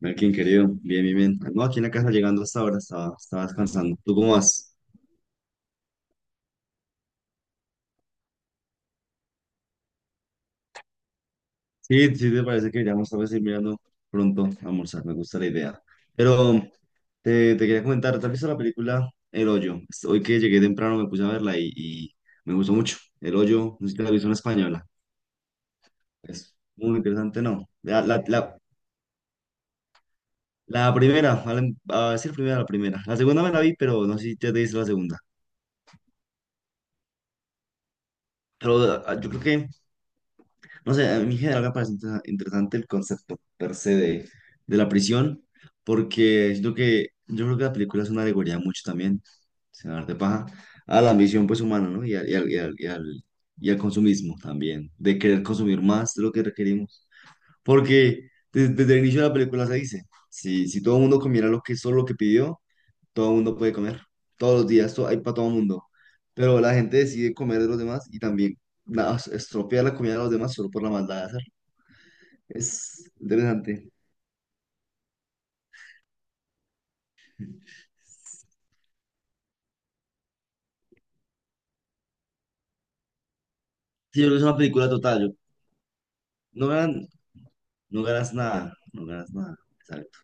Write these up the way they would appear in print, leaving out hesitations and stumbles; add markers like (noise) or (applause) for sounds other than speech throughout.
Melkin, querido, bien, bien, bien. No, aquí en la casa llegando hasta ahora, estaba descansando. ¿Tú cómo vas? Sí, sí, te parece que ya vamos a ir mirando pronto a almorzar, me gusta la idea. Pero te quería comentar, ¿te has visto la película El Hoyo? Hoy que llegué temprano me puse a verla y me gustó mucho. El Hoyo, no sé si te la has visto en española. Es muy interesante, ¿no? La primera, a, la- a decir primera. La segunda me la vi, pero no sé si te dice la segunda. Pero ah, yo creo que no sé, a mí en general me parece interesante el concepto per se de, la prisión, porque siento que yo creo que la película es una alegoría mucho también, sin hablar de paja, a la ambición pues humana, ¿no? Y al consumismo también, de querer consumir más de lo que requerimos. Porque desde el inicio de la película se dice, si todo el mundo comiera lo que, solo lo que pidió, todo el mundo puede comer, todos los días hay para todo el mundo, pero la gente decide comer de los demás y también... estropear la comida de los demás solo por la maldad de hacerlo. Es interesante. Sí, yo creo que es una película total. Yo, no ganan, no ganas nada. No ganas nada. Exacto.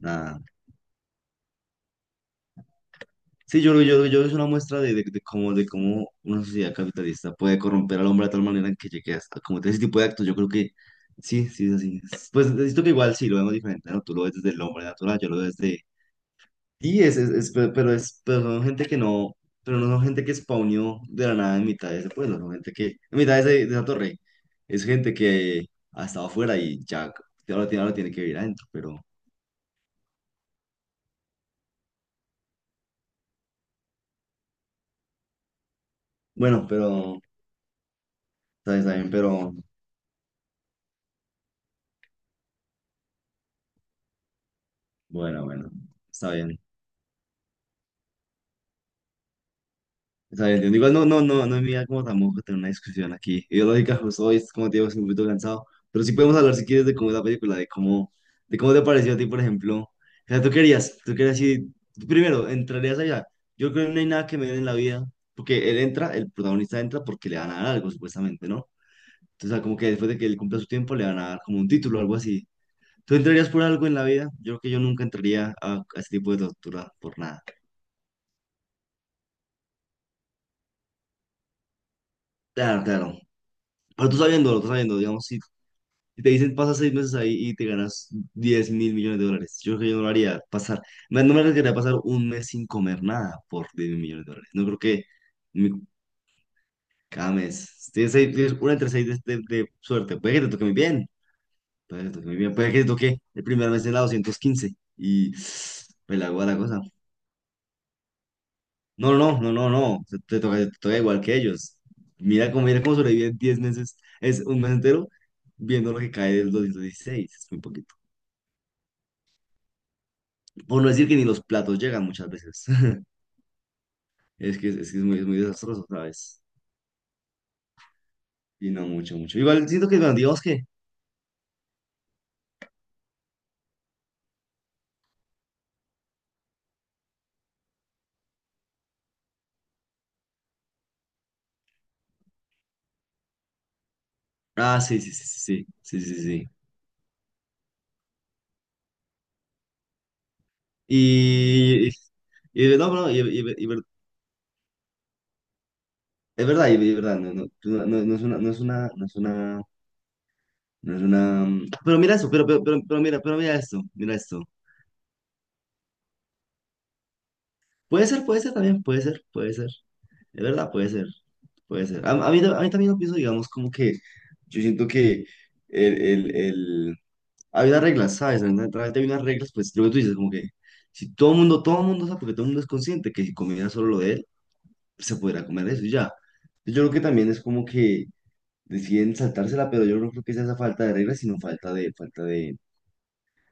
Nada. Sí, yo creo que es una muestra de cómo, una sociedad capitalista puede corromper al hombre de tal manera en que llegue a cometer ese tipo de actos. Yo creo que sí, sí es así. Pues necesito que igual sí lo vemos diferente, ¿no? Tú lo ves desde el hombre natural, yo lo veo desde... pero son gente que no, pero no son gente que spawneó de la nada en mitad de ese pueblo, son gente que, en mitad de, de esa torre, es gente que ha estado afuera y ya, ahora tiene que vivir adentro, pero, bueno, pero, está bien, pero, bueno, bueno, está bien. Está bien, entiendo. Igual no, no, no, no es mi idea como tampoco tener una discusión aquí ideológica, justo hoy, es como te digo, estoy un poquito cansado, pero sí podemos hablar si quieres de cómo es la película, de cómo te pareció a ti, por ejemplo. O sea, tú querías ir, tú primero, entrarías allá. Yo creo que no hay nada que me den en la vida, porque él entra, el protagonista entra porque le van a dar algo, supuestamente, ¿no? Entonces, o sea, como que después de que él cumpla su tiempo, le van a dar como un título o algo así. ¿Tú entrarías por algo en la vida? Yo creo que yo nunca entraría a ese tipo de tortura por nada. Claro, claro. Pero tú sabiendo, digamos, si te dicen pasa 6 meses ahí y te ganas 10.000 millones de dólares, yo creo que yo no lo haría pasar, no no me arriesgaría a pasar un mes sin comer nada por 10.000 millones de dólares. No creo que mi- cada mes, tienes, tienes una entre seis de, de suerte, puede que te toque muy bien, puede que te toque muy bien, puede que te toque el primer mes en la 215 y pues la hago la cosa. No, no, no, no, no, te toca igual que ellos. Mira cómo sobreviven 10 meses, es un mes entero, viendo lo que cae del 216 es muy poquito. Por no decir que ni los platos llegan muchas veces. (laughs) Es que es muy desastroso, ¿sabes? Y no, mucho, mucho. Igual siento que, bueno, digamos que. Ah, sí, sí, sí, sí, sí, sí, sí. Sí. Y, y- no, no, y ver- es verdad, y verdad, no es una, no es una, no es una. Pero mira eso, mira, mira esto, mira esto. Puede ser también, puede ser, puede ser. Es verdad, puede ser, puede ser. A mí también lo pienso, digamos, como que yo siento que el... Hay unas reglas, ¿sabes? A través de unas reglas, pues lo que tú dices, como que si todo el mundo, todo el mundo sabe, porque todo el mundo es consciente que si comiera solo lo de él, se podrá comer eso y ya. Pues, yo creo que también es como que deciden saltársela, pero yo no creo que sea esa falta de reglas, sino falta de,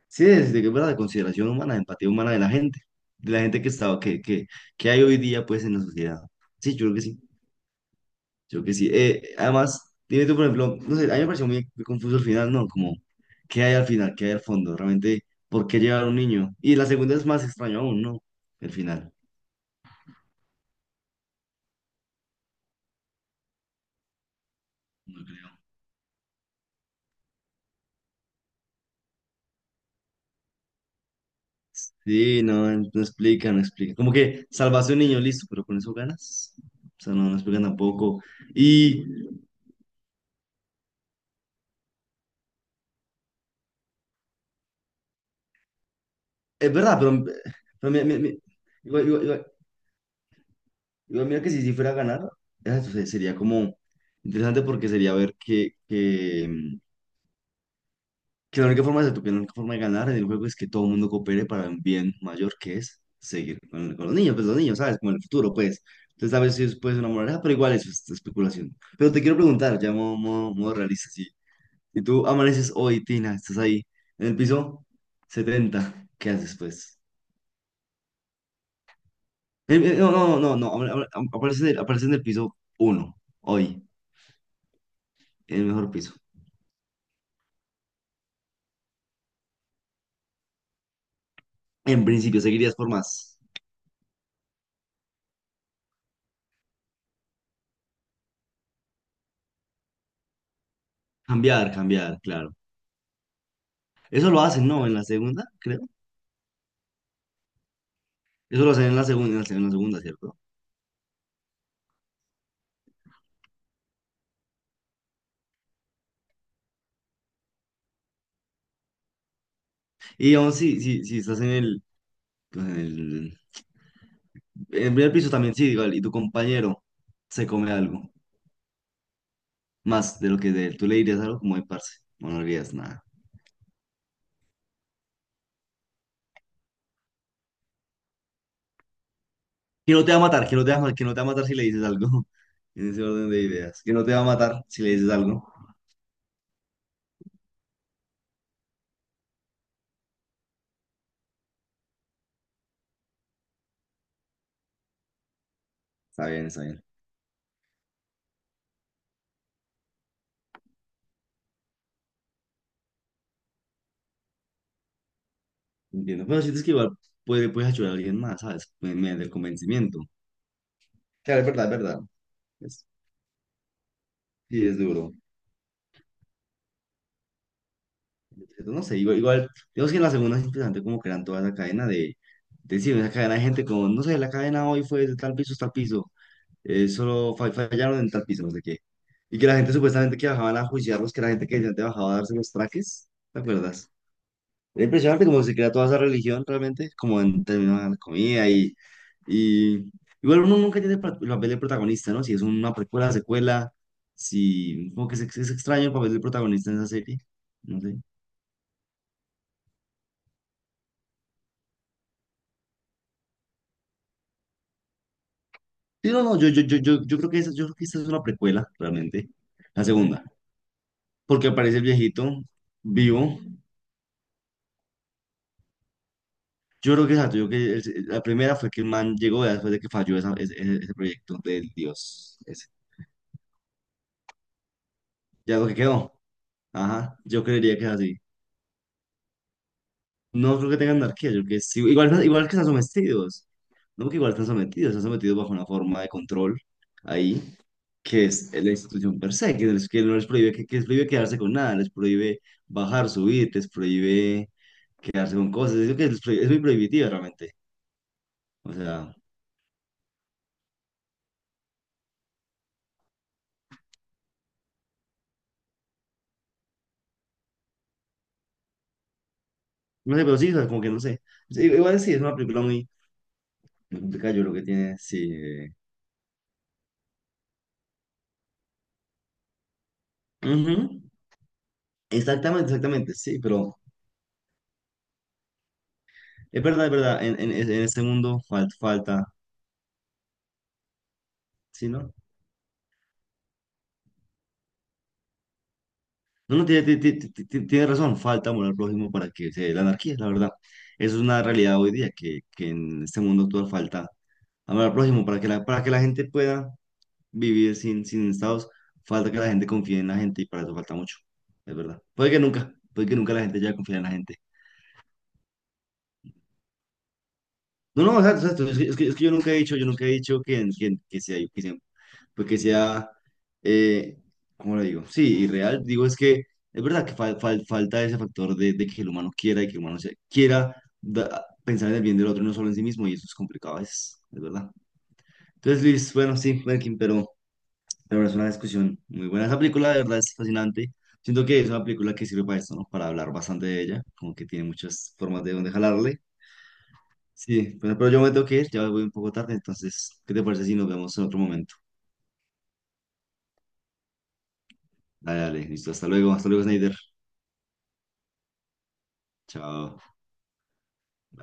sí, verdad, de consideración humana, de empatía humana de la gente que estaba, que hay hoy día, pues, en la sociedad. Sí, yo creo que sí. Yo que sí. Además, dime tú, por ejemplo, no sé, a mí me pareció muy, muy confuso el final, ¿no? Como, ¿qué hay al final? ¿Qué hay al fondo? Realmente, ¿por qué llevar a un niño? Y la segunda es más extraño aún, ¿no? El final. No creo. Sí, no, no explica, no explica. Como que salvaste a un niño, listo, pero con eso ganas. O sea, no, no explican tampoco. Y es verdad, pero, pero mi- mi- mi- igual, igual- igual- igual mira que si, si fuera a ganar, sería como interesante porque sería ver que la única forma de, que la única forma de ganar en el juego es que todo el mundo coopere para un bien mayor, que es seguir con los niños, pues los niños, ¿sabes? Como el futuro, pues. Entonces, a veces puedes ser una moraleja, pero igual eso es especulación. Pero te quiero preguntar, ya modo realista, sí. Si tú amaneces hoy, Tina, estás ahí, en el piso 70, ¿qué haces, pues? No, no, no, no, aparece en el piso uno, hoy, en el mejor piso. En principio, seguirías por más. Cambiar, cambiar, claro. Eso lo hacen, ¿no? En la segunda, eso lo hacen en la segunda, ¿cierto? Y aún si, si estás en el, pues, en el primer piso también, sí, igual, y tu compañero se come algo más de lo que de él, tú le dirías algo como de parce, o no le dirías nada. Que no te va a matar, que no te va a matar si le dices algo, (laughs) en ese orden de ideas. Que no te va a matar si le dices algo. Está bien, está bien. Entiendo. Pero sientes que igual puedes ayudar a alguien más, ¿sabes? Mediante el convencimiento. Claro, es verdad, es verdad. Es- sí, es duro. No sé, igual, igual, digamos que en la segunda es interesante como crean toda esa cadena de, sí, esa cadena de gente como, no sé, la cadena hoy fue de tal piso hasta tal piso, solo fallaron en tal piso, no sé qué. Y que la gente supuestamente que bajaban a juiciarlos, que la gente que decía te bajaba a darse los traques, ¿te acuerdas? Es impresionante como se crea toda esa religión realmente, como en términos de la comida y, y igual uno nunca tiene el el papel de protagonista, ¿no? Si es una precuela, secuela, si como que es extraño el papel del protagonista en esa serie, no sé. Sí, no, no, yo creo que esa, yo creo que esa es una precuela, realmente. La segunda. Porque aparece el viejito vivo. Yo creo que exacto, yo creo que la primera fue que el man llegó ya después de que falló ese proyecto del Dios. Ese. Ya lo que quedó. Ajá, yo creería que es así. No creo que tengan anarquía, yo creo que sí. Igual, no, igual que están sometidos. No, que igual están sometidos bajo una forma de control ahí, que es la institución per se, que no les prohíbe, que les prohíbe quedarse con nada, les prohíbe bajar, subir, les prohíbe quedarse con cosas. Es, lo que les prohí- es muy prohibitiva realmente. O sea, no sé, pero sí, o sea, como que no sé. Sí, igual sí, es una película muy muy complicada, yo lo que tiene, sí, eh. Ujú. Exactamente, exactamente, sí, pero es verdad, en este mundo falta, falta, sí, ¿no? No, no, tiene razón, falta amor al prójimo para que se dé la anarquía, la verdad. Eso es una realidad hoy día, que en este mundo actual falta amor al prójimo para que la gente pueda vivir sin, sin estados, falta que la gente confíe en la gente y para eso falta mucho, es verdad. Puede que nunca la gente ya confíe en la gente. No, no, exacto, exacto, es que, es que yo nunca he dicho, yo nunca he dicho que, si hay- que siempre pues que sea, eh, ¿cómo lo digo? Sí, irreal. Digo, es que es verdad que falta ese factor de que el humano quiera y que el humano se, quiera pensar en el bien del otro y no solo en sí mismo, y eso es complicado, es verdad. Entonces, Luis, bueno, sí, Merkin, pero es una discusión muy buena. Esa película, de verdad, es fascinante. Siento que es una película que sirve para esto, ¿no? Para hablar bastante de ella, como que tiene muchas formas de donde jalarle. Sí, bueno pero yo me tengo que ir, ya voy un poco tarde, entonces, ¿qué te parece si nos vemos en otro momento? Dale, dale, listo, hasta luego, Snyder. Chao. Bye.